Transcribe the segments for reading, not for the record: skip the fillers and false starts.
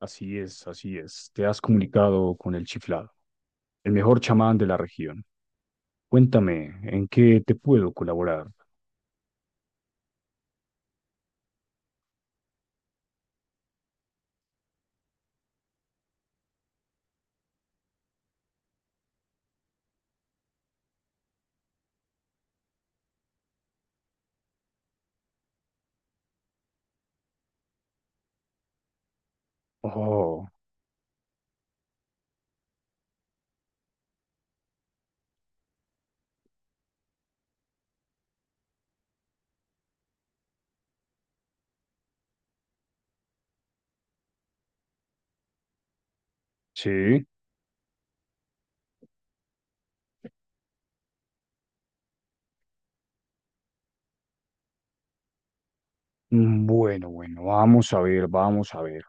Así es, así es. Te has comunicado con el chiflado, el mejor chamán de la región. Cuéntame, ¿en qué te puedo colaborar? Oh, sí. Mm, bueno, bueno, vamos a ver, vamos a ver.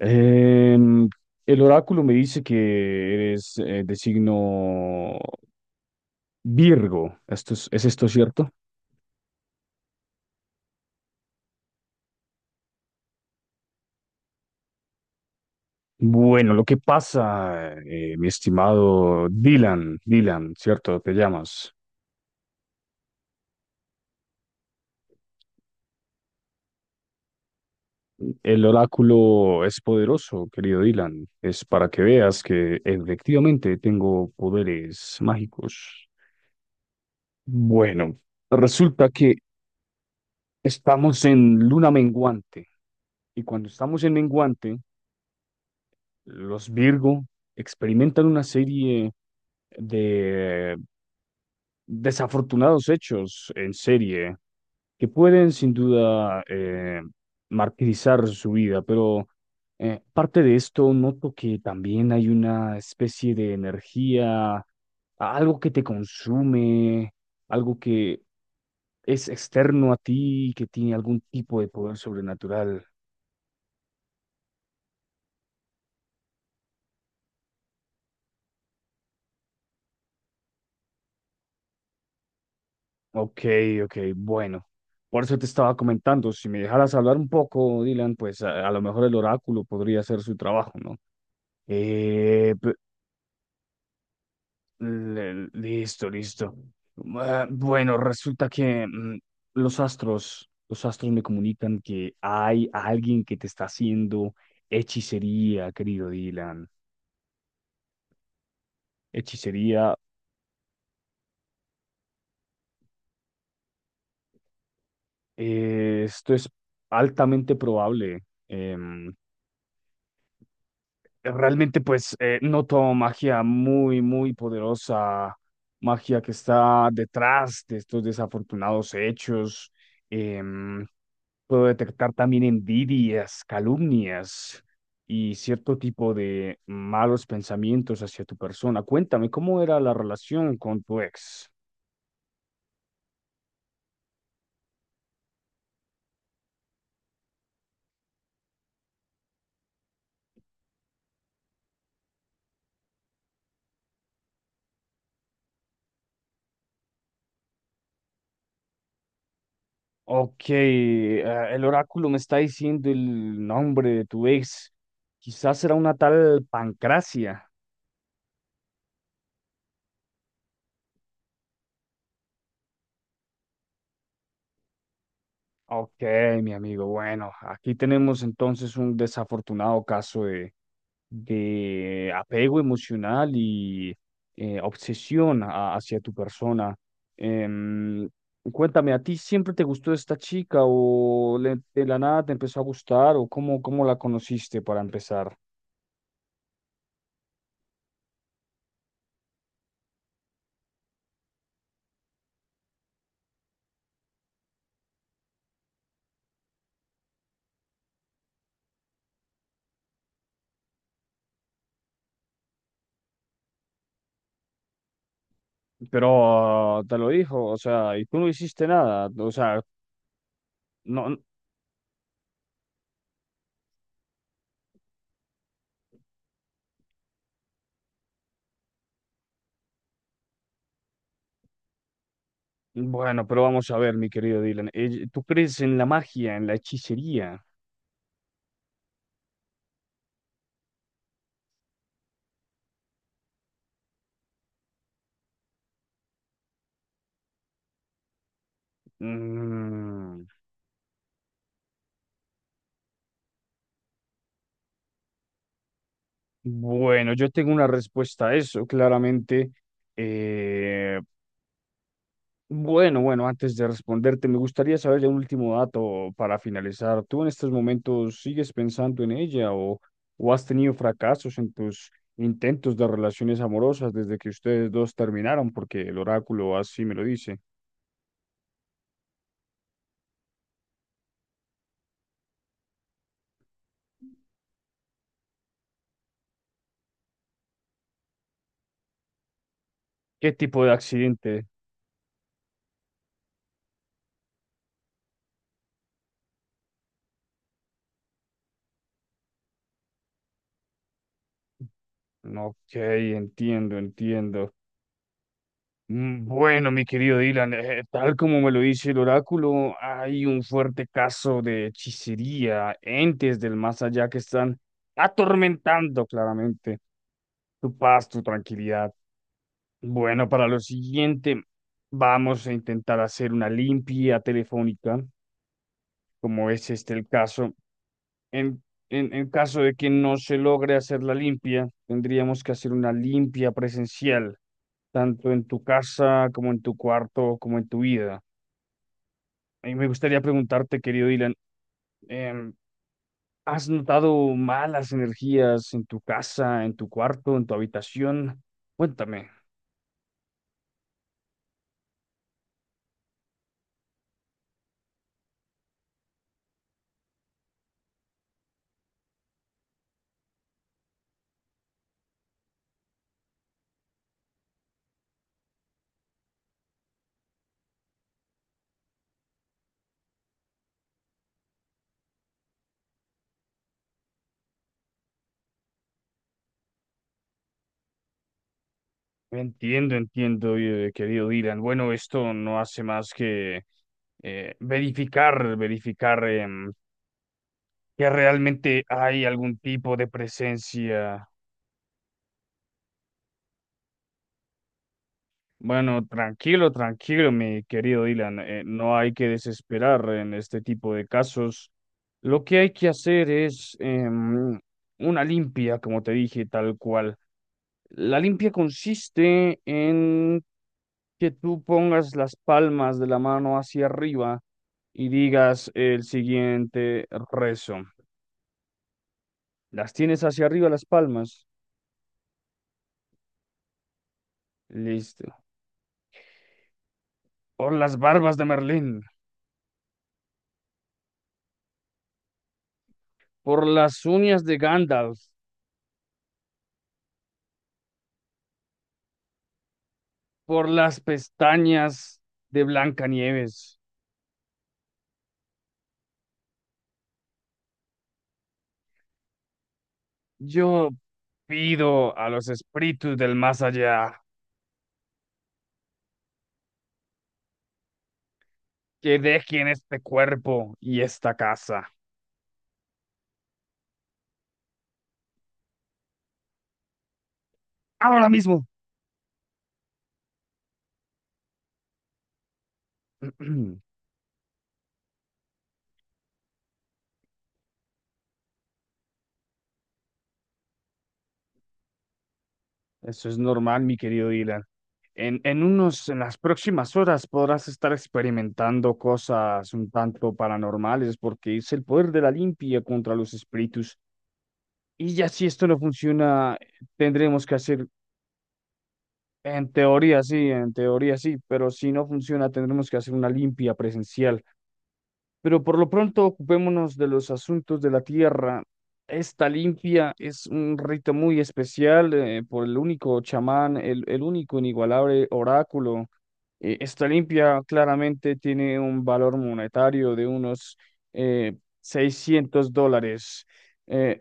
Em, el oráculo me dice que eres de signo Virgo. ¿Es esto cierto? Bueno, lo que pasa, mi estimado Dylan, Dylan, ¿cierto? Te llamas. El oráculo es poderoso, querido Dylan. Es para que veas que efectivamente tengo poderes mágicos. Bueno, resulta que estamos en luna menguante, y cuando estamos en menguante los Virgo experimentan una serie de desafortunados hechos en serie que pueden sin duda martirizar su vida, pero parte de esto noto que también hay una especie de energía, algo que te consume, algo que es externo a ti, que tiene algún tipo de poder sobrenatural. Ok, ok, bueno. Por eso te estaba comentando, si me dejaras hablar un poco, Dylan, pues a lo mejor el oráculo podría hacer su trabajo, ¿no? Eh, pe- listo, listo. Ah, bueno, resulta que los astros me comunican que hay alguien que te está haciendo hechicería, querido Dylan. Hechicería, esto es altamente probable. em, Realmente pues noto magia muy, muy poderosa, magia que está detrás de estos desafortunados hechos. Em, puedo detectar también envidias, calumnias y cierto tipo de malos pensamientos hacia tu persona. Cuéntame, ¿cómo era la relación con tu ex? Ok, el oráculo me está diciendo el nombre de tu ex. Quizás era una tal Pancracia. Ok, mi amigo. Bueno, aquí tenemos entonces un desafortunado caso de apego emocional y hacia tu persona. Em, cuéntame, ¿a ti siempre te gustó esta chica o de la nada te empezó a gustar o cómo, cómo la conociste para empezar? Pero te lo dijo, o sea, y tú no hiciste nada, o sea, no, n- bueno, pero vamos a ver, mi querido Dylan, ¿tú crees en la magia, en la hechicería? Mm, bueno, yo tengo una respuesta a eso, claramente. Eh, bueno, bueno, antes de responderte, me gustaría saber ya un último dato para finalizar. ¿Tú en estos momentos sigues pensando en ella, o has tenido fracasos en tus intentos de relaciones amorosas desde que ustedes dos terminaron? Porque el oráculo así me lo dice. ¿Qué tipo de accidente? Ok, entiendo, entiendo. Mm, bueno, mi querido Dylan, tal como me lo dice el oráculo, hay un fuerte caso de hechicería, entes del más allá que están atormentando claramente tu paz, tu tranquilidad. Bueno, para lo siguiente, vamos a intentar hacer una limpia telefónica, como es este el caso. En, en caso de que no se logre hacer la limpia, tendríamos que hacer una limpia presencial, tanto en tu casa como en tu cuarto, como en tu vida. Y me gustaría preguntarte, querido Dylan, em, ¿has notado malas energías en tu casa, en tu cuarto, en tu habitación? Cuéntame. Entiendo, entiendo, querido Dylan. Bueno, esto no hace más que verificar, verificar. Que realmente hay algún tipo de presencia. Bueno, tranquilo, tranquilo, mi querido Dylan, no hay que desesperar en este tipo de casos. Lo que hay que hacer es una limpia, como te dije, tal cual. La limpia consiste en que tú pongas las palmas de la mano hacia arriba y digas el siguiente rezo. Las tienes hacia arriba las palmas. Listo. Por las barbas de Merlín, por las uñas de Gandalf, por las pestañas de Blancanieves. Yo pido a los espíritus del más allá que dejen este cuerpo y esta casa. Ahora mismo. Eso es normal, mi querido Dylan. En las próximas horas podrás estar experimentando cosas un tanto paranormales, porque es el poder de la limpia contra los espíritus. Y ya si esto no funciona, tendremos que hacer, en teoría sí, pero si no funciona, tendremos que hacer una limpia presencial. Pero por lo pronto, ocupémonos de los asuntos de la tierra. Esta limpia es un rito muy especial por el único chamán, el único inigualable oráculo. Esta limpia claramente tiene un valor monetario de unos eh, $600. Eh,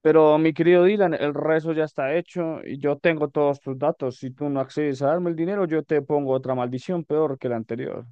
Pero mi querido Dylan, el rezo ya está hecho y yo tengo todos tus datos. Si tú no accedes a darme el dinero, yo te pongo otra maldición peor que la anterior.